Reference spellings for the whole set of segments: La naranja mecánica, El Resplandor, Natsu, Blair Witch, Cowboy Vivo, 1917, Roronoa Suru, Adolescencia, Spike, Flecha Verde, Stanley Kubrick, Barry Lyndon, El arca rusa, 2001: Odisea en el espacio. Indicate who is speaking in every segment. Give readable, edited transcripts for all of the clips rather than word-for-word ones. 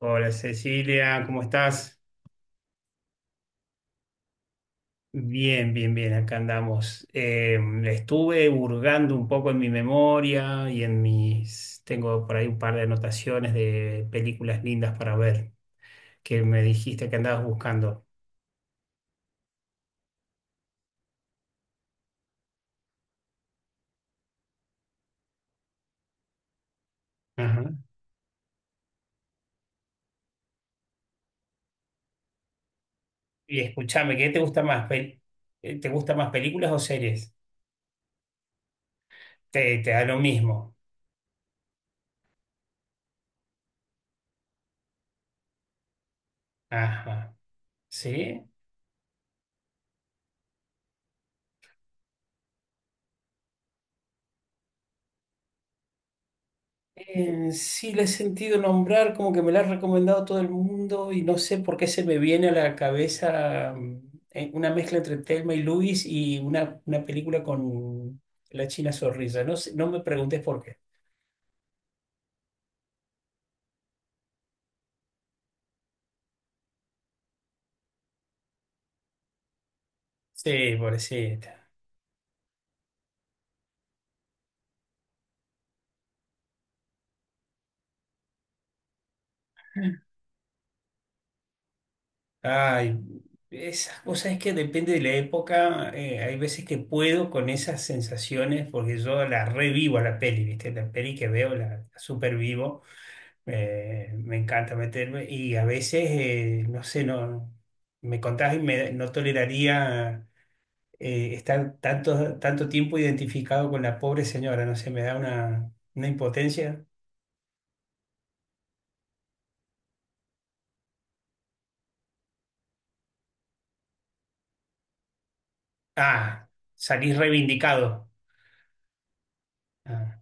Speaker 1: Hola Cecilia, ¿cómo estás? Bien, bien, bien, acá andamos. Estuve hurgando un poco en mi memoria y en mis... Tengo por ahí un par de anotaciones de películas lindas para ver que me dijiste que andabas buscando. Ajá. Y escúchame, ¿qué te gusta más? ¿Te gusta más películas o series? Te da lo mismo. Ajá. ¿Sí? Sí, la he sentido nombrar, como que me la ha recomendado todo el mundo y no sé por qué se me viene a la cabeza una mezcla entre Thelma y Luis y una película con la China Zorrilla. No sé, no me preguntes por qué. Sí, pobrecita. Ay, esas cosas es que depende de la época. Hay veces que puedo con esas sensaciones porque yo la revivo a la peli, ¿viste? La peli que veo la supervivo. Me encanta meterme y a veces, no sé, no, me contás y me, no toleraría estar tanto, tanto tiempo identificado con la pobre señora, no sé, me da una impotencia. Ah, salís reivindicado. Ah,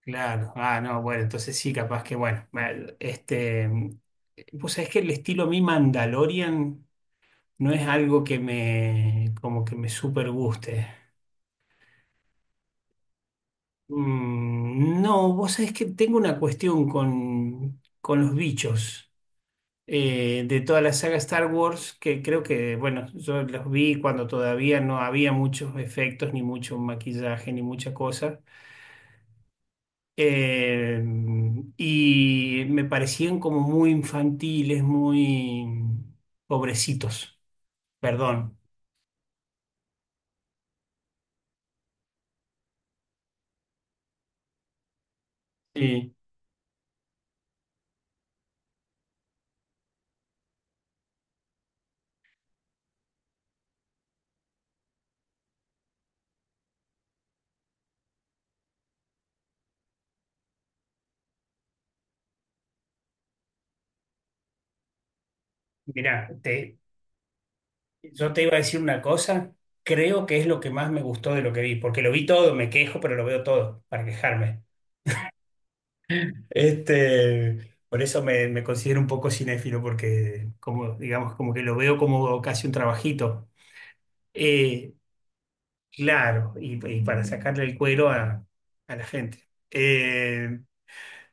Speaker 1: claro, ah, no, bueno, entonces sí, capaz que, bueno, pues es que el estilo mi Mandalorian no es algo que me, como que me super guste. Mm, no, vos sabés que tengo una cuestión con los bichos de toda la saga Star Wars, que creo que, bueno, yo los vi cuando todavía no había muchos efectos, ni mucho maquillaje, ni mucha cosa. Eh, y me parecían como muy infantiles, muy pobrecitos, perdón. Sí. Mirá, te, Yo te iba a decir una cosa, creo que es lo que más me gustó de lo que vi, porque lo vi todo, me quejo, pero lo veo todo para quejarme. Este, por eso me, me considero un poco cinéfilo, porque como, digamos, como que lo veo como casi un trabajito. Eh, claro, y para sacarle el cuero a la gente.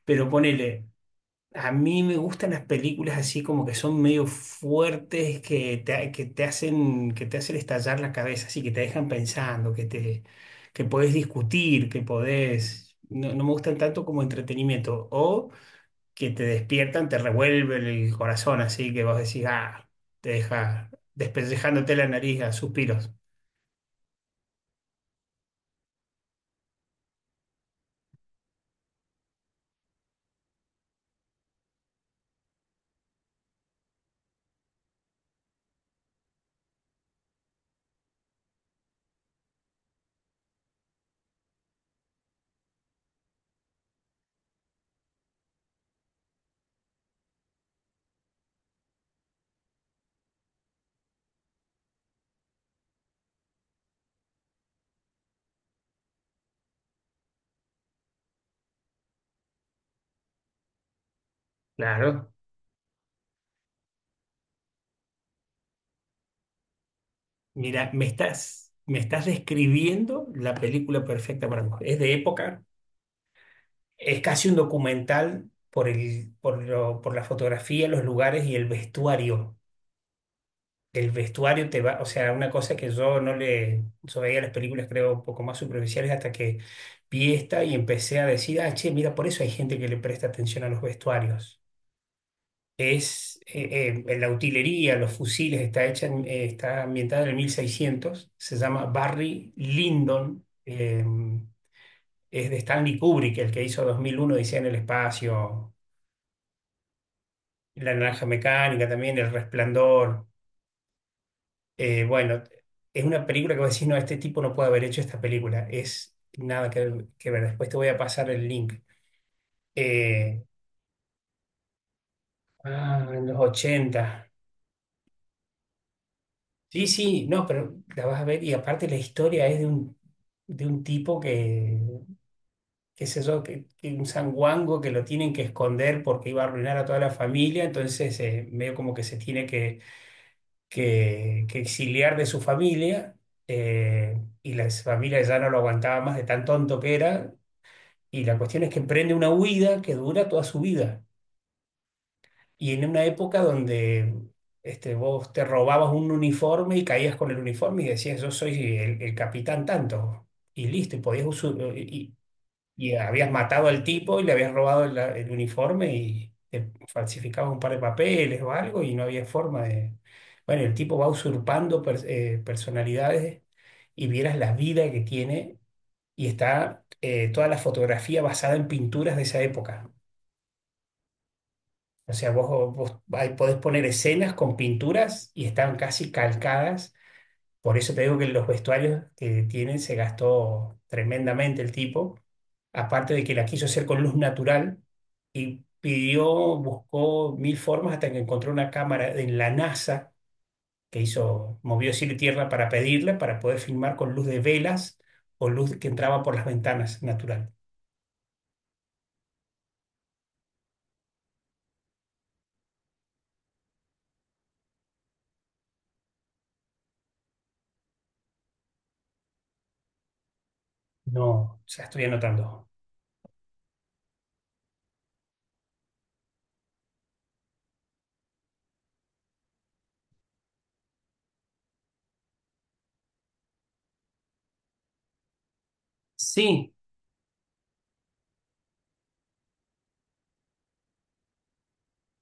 Speaker 1: Pero ponele. A mí me gustan las películas así como que son medio fuertes, que te hacen estallar la cabeza, así que te dejan pensando, que te, que podés discutir, que podés. No, no me gustan tanto como entretenimiento. O que te despiertan, te revuelven el corazón, así que vos decís, ah, te deja despellejándote la nariz a suspiros. Claro. Mira, me estás describiendo la película perfecta para mí. Es de época. Es casi un documental por el, por la fotografía, los lugares y el vestuario. El vestuario te va, o sea, una cosa que yo no le, yo veía las películas creo un poco más superficiales hasta que vi esta y empecé a decir, ah, che, mira, por eso hay gente que le presta atención a los vestuarios. Es la utilería, los fusiles, está hecha, está ambientada en el 1600, se llama Barry Lyndon, es de Stanley Kubrick, el que hizo 2001 Odisea en el espacio, La naranja mecánica también, El Resplandor. Bueno, es una película que vos decís, no, este tipo no puede haber hecho esta película. Es nada que ver. Después te voy a pasar el link. Eh, ah, en los ochenta. Sí, sí, no, pero la vas a ver. Y aparte la historia es de un tipo que, qué sé yo, que un sanguango que lo tienen que esconder porque iba a arruinar a toda la familia. Entonces, medio como que se tiene que que exiliar de su familia, y la familia ya no lo aguantaba más de tan tonto que era. Y la cuestión es que emprende una huida que dura toda su vida. Y en una época donde este, vos te robabas un uniforme y caías con el uniforme y decías, yo soy el capitán tanto. Y listo, y podías usar y habías matado al tipo y le habías robado el uniforme y te falsificabas un par de papeles o algo y no había forma de... Bueno, el tipo va usurpando personalidades y vieras la vida que tiene y está toda la fotografía basada en pinturas de esa época. O sea, vos ahí podés poner escenas con pinturas y están casi calcadas. Por eso te digo que los vestuarios que tienen se gastó tremendamente el tipo. Aparte de que la quiso hacer con luz natural, y pidió, buscó mil formas hasta que encontró una cámara en la NASA que hizo, movió cielo y tierra para pedirla, para poder filmar con luz de velas o luz que entraba por las ventanas natural. No, o sea, estoy anotando. Sí,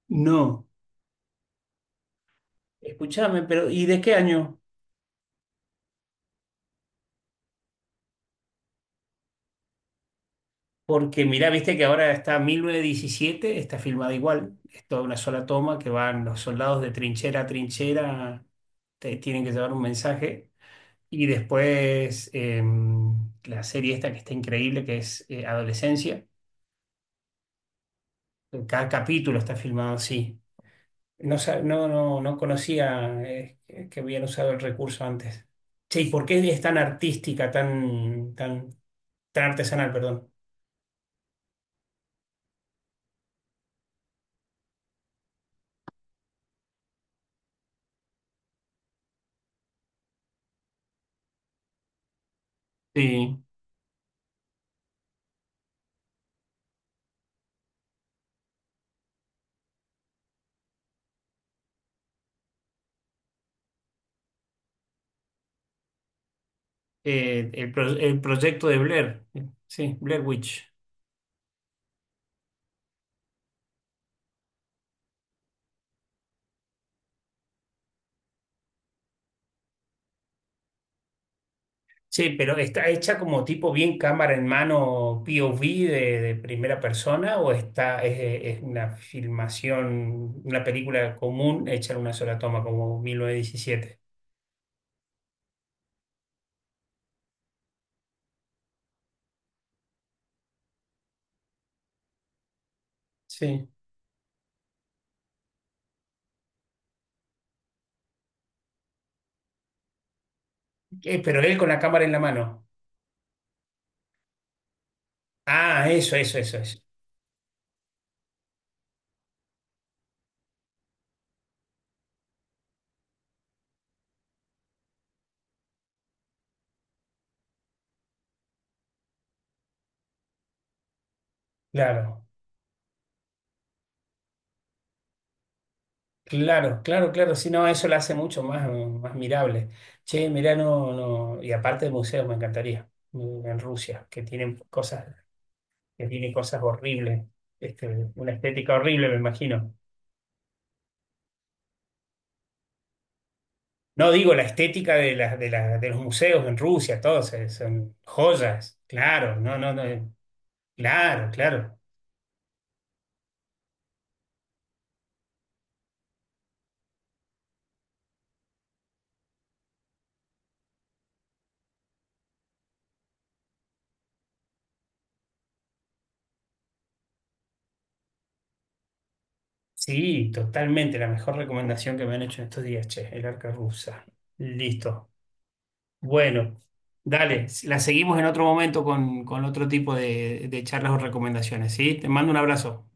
Speaker 1: no. Escúchame, pero ¿y de qué año? Porque mirá, viste que ahora está 1917, está filmada igual, es toda una sola toma que van los soldados de trinchera a trinchera, te tienen que llevar un mensaje. Y después la serie esta que está increíble, que es Adolescencia. Cada capítulo está filmado así. No, no conocía, que habían usado el recurso antes. Che, ¿y por qué es tan artística, tan, tan, tan artesanal, perdón? Sí, el proyecto de Blair. Sí, Blair Witch. Sí, pero ¿está hecha como tipo bien cámara en mano POV de primera persona o está, es una filmación, una película común hecha en una sola toma, como 1917. Sí. Pero él con la cámara en la mano. Ah, eso, eso, eso, eso. Claro, claro, claro, claro. Si no, eso la hace mucho más, más mirable. Che, mirá, no, no. Y aparte de museos, me encantaría. En Rusia, que tienen cosas horribles. Este, una estética horrible, me imagino. No digo la estética de, las de, de los museos en Rusia, todos son joyas, claro, no, no, no, claro, claro. Sí, totalmente, la mejor recomendación que me han hecho en estos días, che, el arca rusa. Listo. Bueno, dale, la seguimos en otro momento con otro tipo de charlas o recomendaciones, ¿sí? Te mando un abrazo.